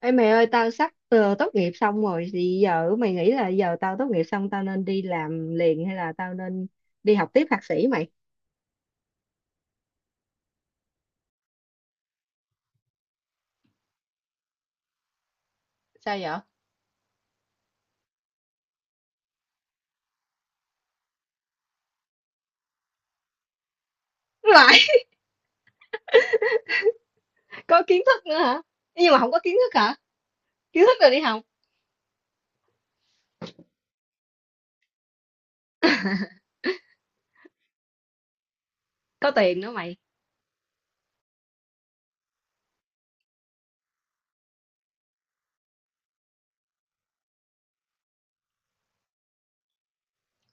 Ê mày ơi tao sắp tốt nghiệp xong rồi thì giờ mày nghĩ là giờ tao tốt nghiệp xong tao nên đi làm liền hay là tao nên đi học tiếp thạc sĩ mày? Sao vậy? Lại. Có kiến thức nữa hả? Nhưng mà không có kiến thức hả? Kiến thức rồi đi học. Có tiền nữa mày.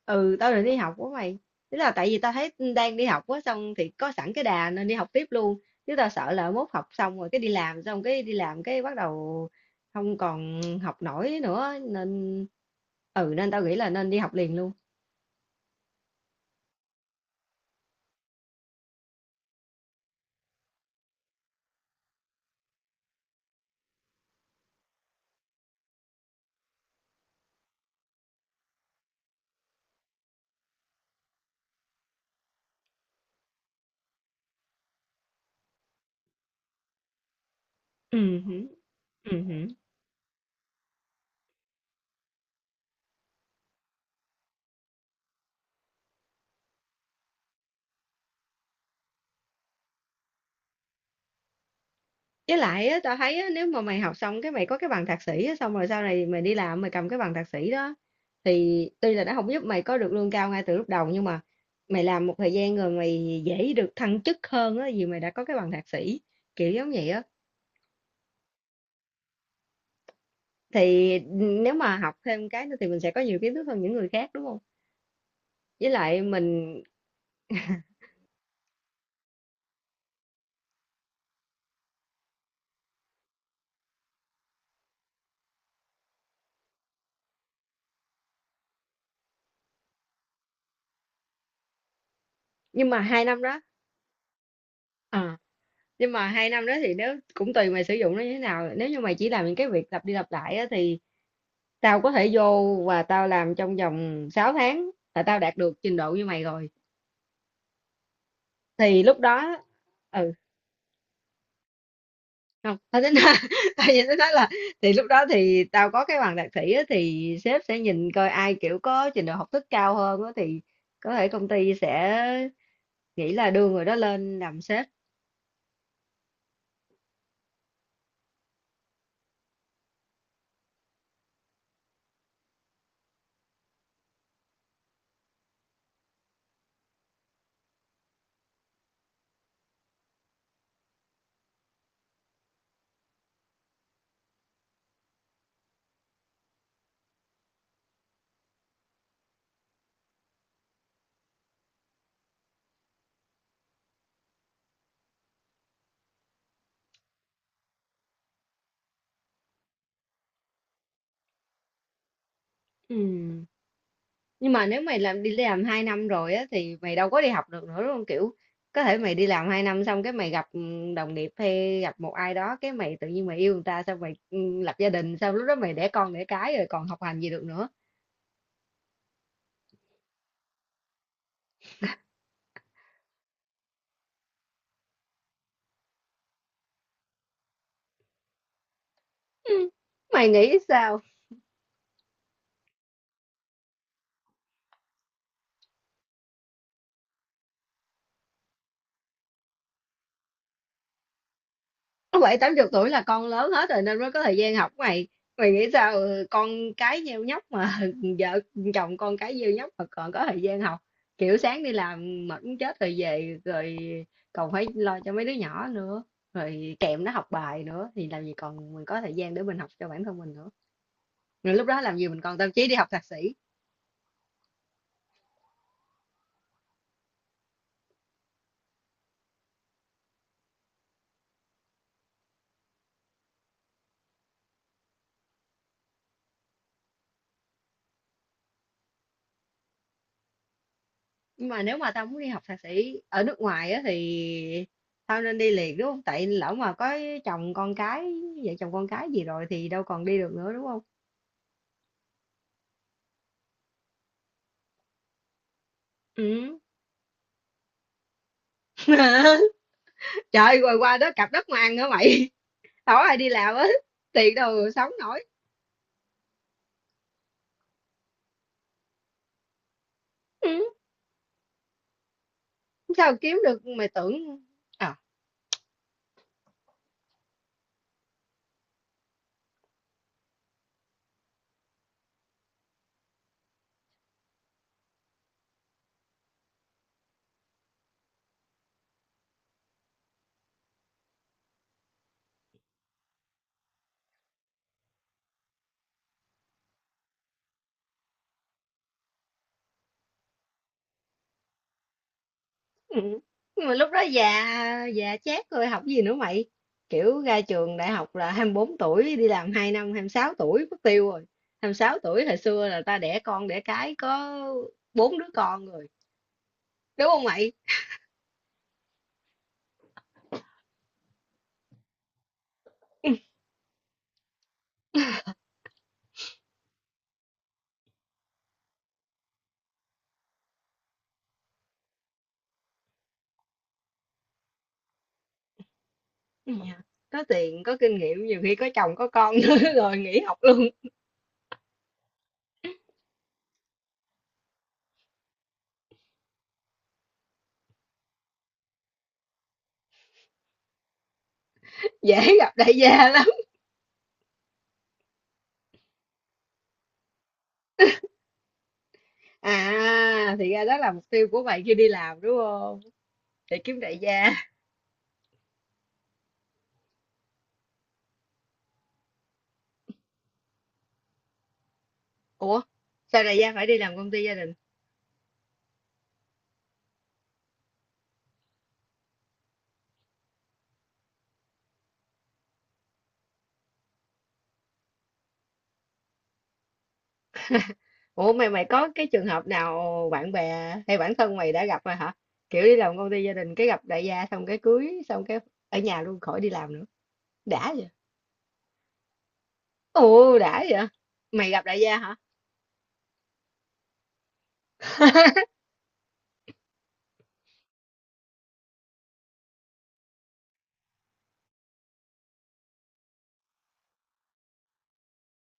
Ừ, tao định đi học quá mày. Tức là tại vì tao thấy đang đi học quá xong thì có sẵn cái đà nên đi học tiếp luôn, chứ tao sợ là mốt học xong rồi cái đi làm xong cái đi làm cái bắt đầu không còn học nổi nữa nên ừ, nên tao nghĩ là nên đi học liền luôn. Ừ. Hứm. Với lại á, tao thấy á, nếu mà mày học xong cái mày có cái bằng thạc sĩ á, xong rồi sau này mày đi làm mày cầm cái bằng thạc sĩ đó, thì tuy là nó không giúp mày có được lương cao ngay từ lúc đầu nhưng mà mày làm một thời gian rồi mày dễ được thăng chức hơn á, vì mày đã có cái bằng thạc sĩ, kiểu giống vậy á. Thì, nếu mà học thêm cái nữa thì mình sẽ có nhiều kiến thức hơn những người khác, đúng không? Với lại mình nhưng mà 2 năm đó. ờ, nhưng mà hai năm đó thì nếu cũng tùy mày sử dụng nó như thế nào, nếu như mày chỉ làm những cái việc lặp đi lặp lại á thì tao có thể vô và tao làm trong vòng 6 tháng là tao đạt được trình độ như mày rồi, thì lúc đó ừ không tao tính nói, tao chỉ tính nói là thì lúc đó thì tao có cái bằng thạc sĩ á, thì sếp sẽ nhìn coi ai kiểu có trình độ học thức cao hơn á, thì có thể công ty sẽ nghĩ là đưa người đó lên làm sếp. Ừ. Nhưng mà nếu mày làm đi làm 2 năm rồi á thì mày đâu có đi học được nữa đúng không, kiểu có thể mày đi làm 2 năm xong cái mày gặp đồng nghiệp hay gặp một ai đó cái mày tự nhiên mày yêu người ta xong mày lập gia đình xong lúc đó mày đẻ con đẻ cái rồi còn học hành gì được nữa. Ừ, mày nghĩ sao? Bảy tám chục tuổi là con lớn hết rồi nên mới có thời gian học mày. Mày nghĩ sao ừ, con cái nheo nhóc mà vợ chồng con cái nheo nhóc mà còn có thời gian học, kiểu sáng đi làm mệt muốn chết rồi về rồi còn phải lo cho mấy đứa nhỏ nữa, rồi kèm nó học bài nữa thì làm gì còn mình có thời gian để mình học cho bản thân mình nữa, rồi lúc đó làm gì mình còn tâm trí đi học thạc sĩ. Nhưng mà nếu mà tao muốn đi học thạc sĩ ở nước ngoài á thì tao nên đi liền đúng không, tại lỡ mà có chồng con cái vợ chồng con cái gì rồi thì đâu còn đi được nữa đúng không? Ừ. Trời rồi qua đó cặp đất mà ăn nữa mày, đâu ai đi làm á, tiền đâu mà sống nổi. Ừ. Sao kiếm được mày tưởng. ờ Ừ. Nhưng mà lúc đó già già chát rồi học gì nữa mày, kiểu ra trường đại học là 24 tuổi đi làm 2 năm 26 tuổi mất tiêu rồi, 26 tuổi hồi xưa là ta đẻ con đẻ cái có bốn đứa con rồi, đúng không mày? Dạ. Có tiền có kinh nghiệm nhiều khi có chồng có con nữa rồi nghỉ học luôn. Dễ gặp đại gia lắm. À thì ra đó là mục tiêu của mày khi đi làm đúng không, để kiếm đại gia. Ủa, sao đại gia phải đi làm công ty gia đình? Ủa mày mày có cái trường hợp nào bạn bè hay bản thân mày đã gặp rồi hả? Kiểu đi làm công ty gia đình cái gặp đại gia xong cái cưới xong cái ở nhà luôn khỏi đi làm nữa. Đã vậy. Ồ đã vậy. Mày gặp đại gia hả?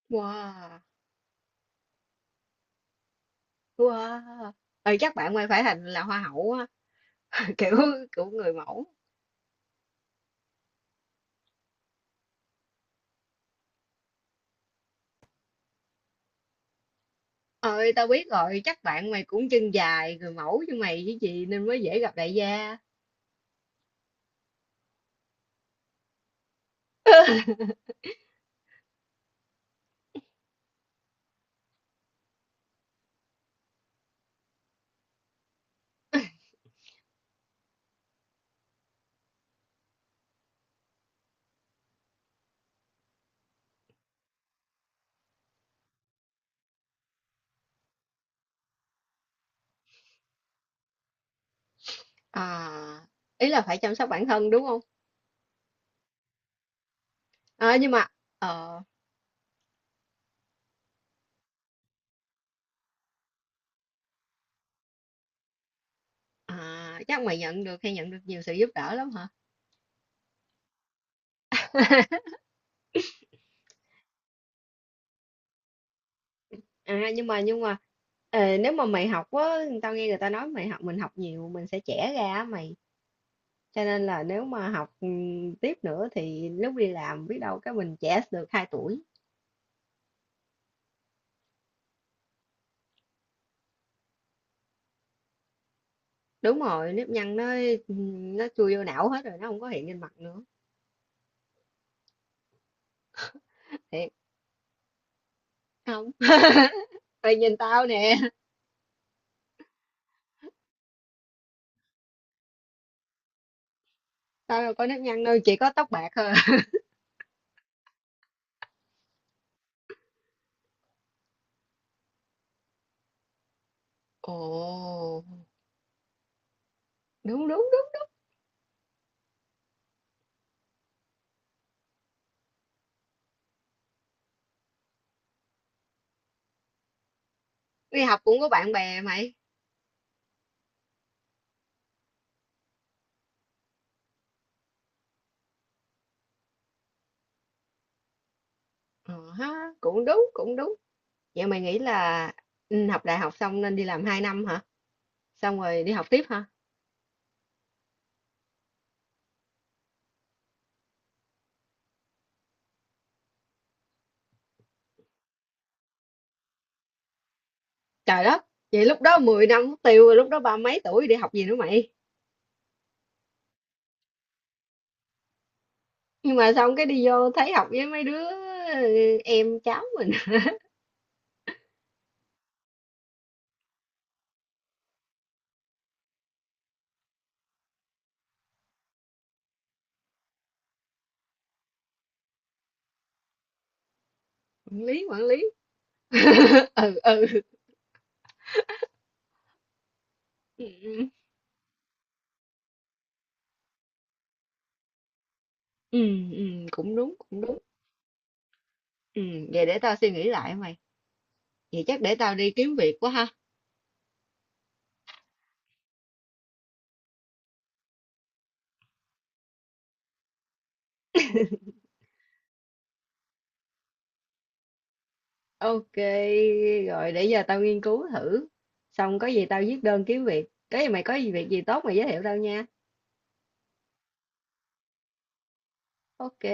Wow. Wow. Ừ, chắc bạn mày phải thành là hoa hậu á, kiểu kiểu người mẫu. Ơi tao biết rồi, chắc bạn mày cũng chân dài người mẫu như mày chứ gì nên mới dễ gặp đại gia. À, ý là phải chăm sóc bản thân đúng không? À, nhưng mà ờ À, chắc mày nhận được hay nhận được nhiều sự giúp đỡ lắm hả? À, nhưng mà nếu mà mày học á, tao nghe người ta nói mày học mình học nhiều mình sẽ trẻ ra á mày. Cho nên là nếu mà học tiếp nữa thì lúc đi làm biết đâu cái mình trẻ được 2 tuổi. Đúng rồi, nếp nhăn nó chui vô não hết rồi, nó không có hiện lên mặt nữa. Thiệt không? Mày nhìn tao nè, tao đâu có nếp nhăn đâu, chỉ có tóc bạc thôi. Ồ, đúng đúng đúng. Đi học cũng có bạn bè mày. Ờ ha, cũng đúng cũng đúng. Vậy mày nghĩ là học đại học xong nên đi làm 2 năm hả? Xong rồi đi học tiếp hả? Trời đất, vậy lúc đó 10 năm mất tiêu rồi, lúc đó ba mấy tuổi đi học gì nữa mày? Nhưng mà xong cái đi vô thấy học với mấy đứa em cháu mình, quản lý, quản lý. Ừ, ừ. Ừ, ừ, ừ, cũng đúng, cũng đúng. Ừ, vậy để tao suy nghĩ lại mày. Vậy chắc để tao đi kiếm việc quá ha. Ok, rồi để giờ tao nghiên cứu thử. Xong có gì tao viết đơn kiếm việc. Cái gì mày có gì việc gì tốt mày giới thiệu tao nha. Ok,